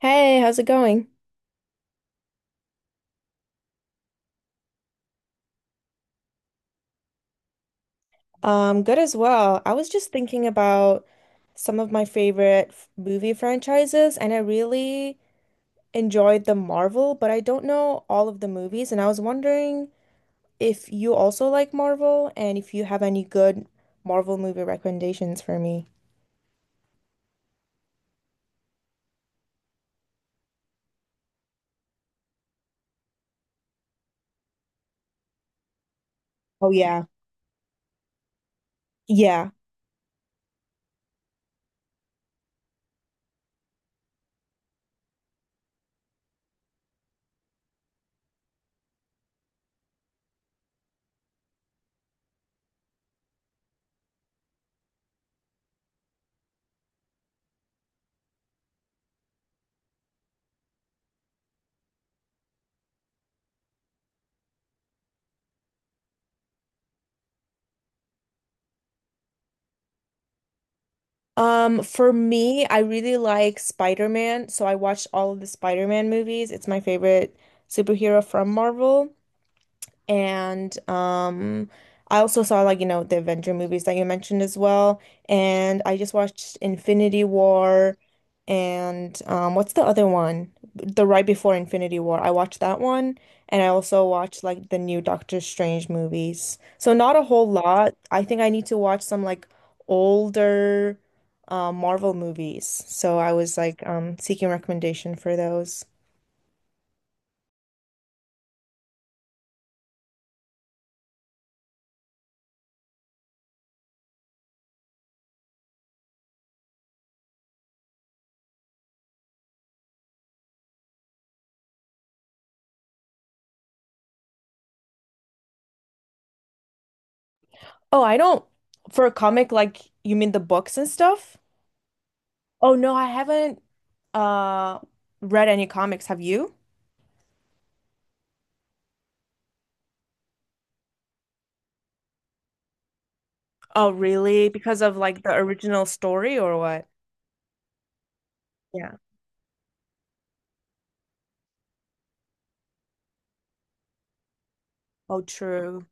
Hey, how's it going? Good as well. I was just thinking about some of my favorite movie franchises, and I really enjoyed the Marvel, but I don't know all of the movies, and I was wondering if you also like Marvel and if you have any good Marvel movie recommendations for me. Oh yeah. Yeah. For me, I really like Spider-Man, so I watched all of the Spider-Man movies. It's my favorite superhero from Marvel. And I also saw, like, you know, the Avenger movies that you mentioned as well. And I just watched Infinity War, and what's the other one? The right before Infinity War. I watched that one. And I also watched like the new Doctor Strange movies. So not a whole lot. I think I need to watch some like older Marvel movies. So I was like seeking recommendation for those. Oh, I don't. For a comic, like you mean the books and stuff? Oh no, I haven't uh read any comics. Have you? Oh really? Because of like the original story or what? Yeah. Oh true.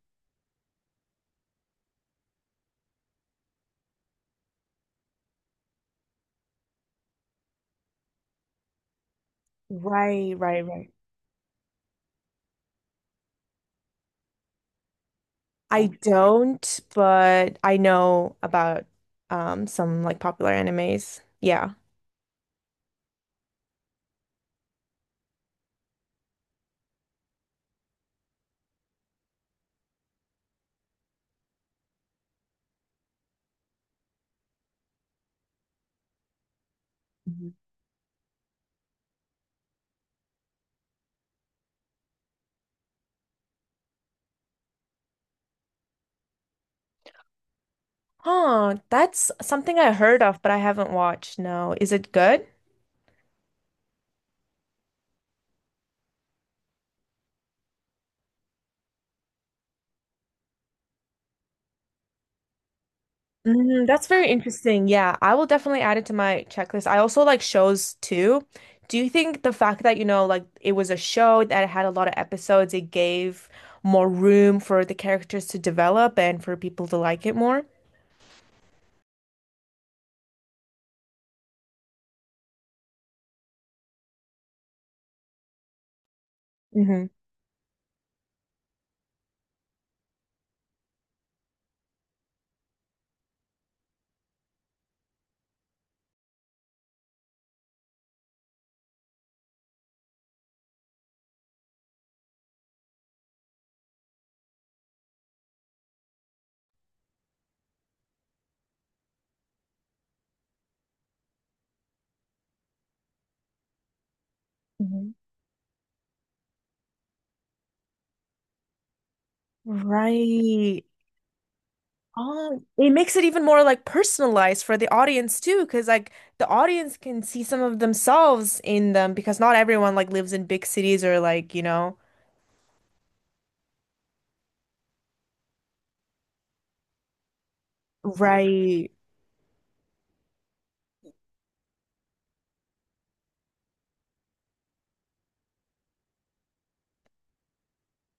Right, right, right. I don't, but I know about some like popular animes. Yeah. Huh, that's something I heard of, but I haven't watched. No. Is it good? Mm, that's very interesting. Yeah, I will definitely add it to my checklist. I also like shows too. Do you think the fact that, you know, like it was a show that had a lot of episodes, it gave more room for the characters to develop and for people to like it more? Hmm. Mhm. Right. It makes it even more like personalized for the audience too, because like the audience can see some of themselves in them because not everyone like lives in big cities or like, you know. Right.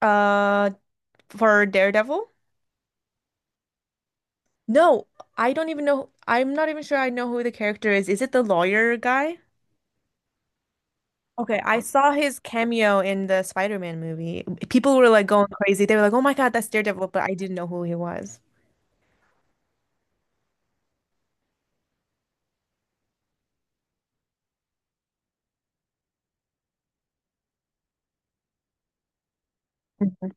Uh, for Daredevil? No, I don't even know. I'm not even sure I know who the character is. Is it the lawyer guy? Okay, I saw his cameo in the Spider-Man movie. People were like going crazy. They were like, "Oh my God, that's Daredevil," but I didn't know who he was. Mhm.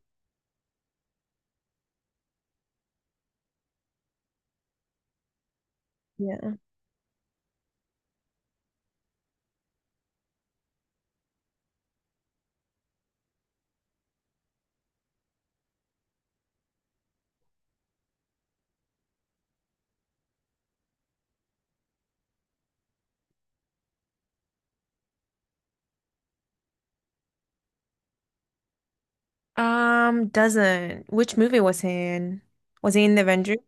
Yeah. Doesn't. Which movie was he in? Was he in the Avengers?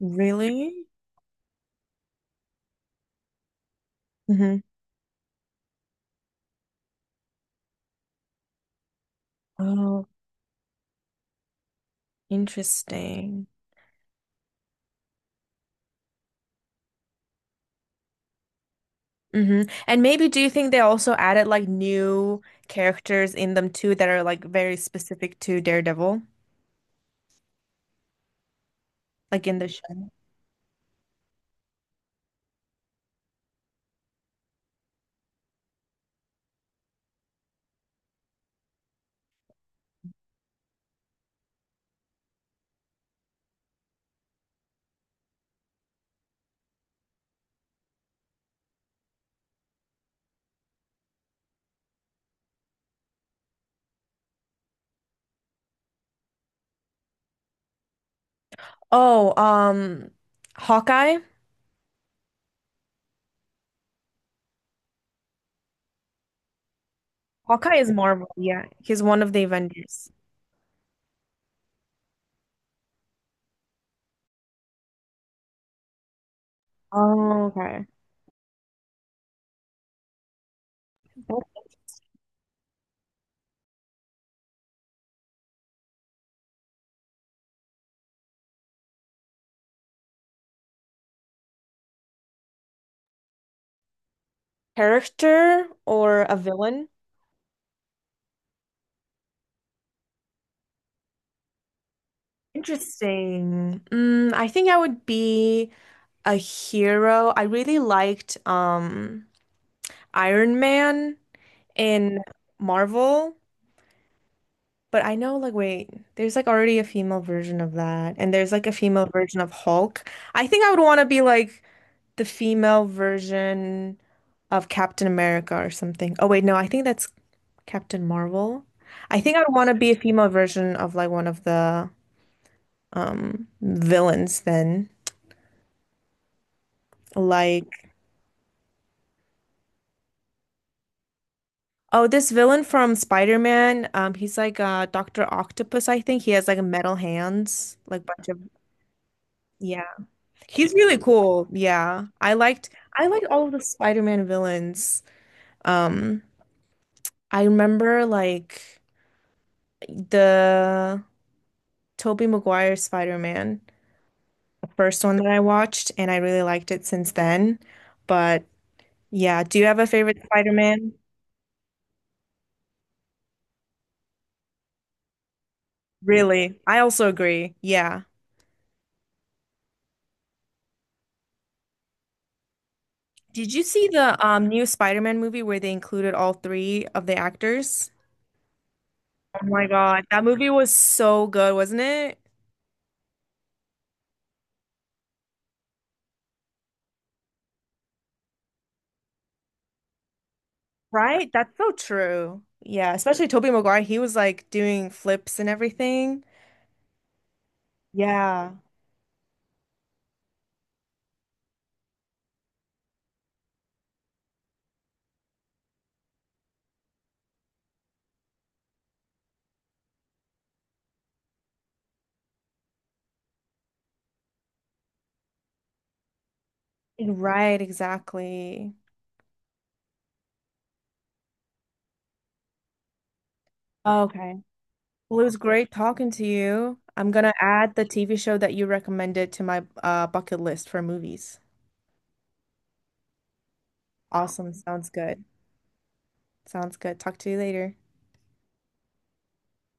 Really? Hmm. Oh, interesting. Mm-hmm. And maybe do you think they also added like new characters in them too that are like very specific to Daredevil? Like in the show. Oh, Hawkeye. Hawkeye is Marvel. Yeah, he's one of the Avengers. Oh, okay. Character or a villain? Interesting. Mm, I think I would be a hero. I really liked Iron Man in Marvel, but I know, like, wait, there's like already a female version of that, and there's like a female version of Hulk. I think I would want to be like the female version of Captain America or something. Oh wait, no, I think that's Captain Marvel. I think I'd want to be a female version of like one of the villains then. Like oh, this villain from Spider-Man, he's like Dr. Octopus, I think. He has like metal hands, like bunch of yeah. He's really cool. Yeah. I liked all of the Spider-Man villains. Um I remember like the Tobey Maguire's Spider-Man, the first one that I watched, and I really liked it since then. But yeah, do you have a favorite Spider-Man? Really? I also agree. Yeah. Did you see the new Spider-Man movie where they included all three of the actors? Oh my God, that movie was so good, wasn't it? Right? That's so true. Yeah, especially Tobey Maguire, he was like doing flips and everything. Yeah. Right, exactly. Okay. Well, it was great talking to you. I'm gonna add the TV show that you recommended to my bucket list for movies. Awesome. Sounds good. Sounds good. Talk to you later.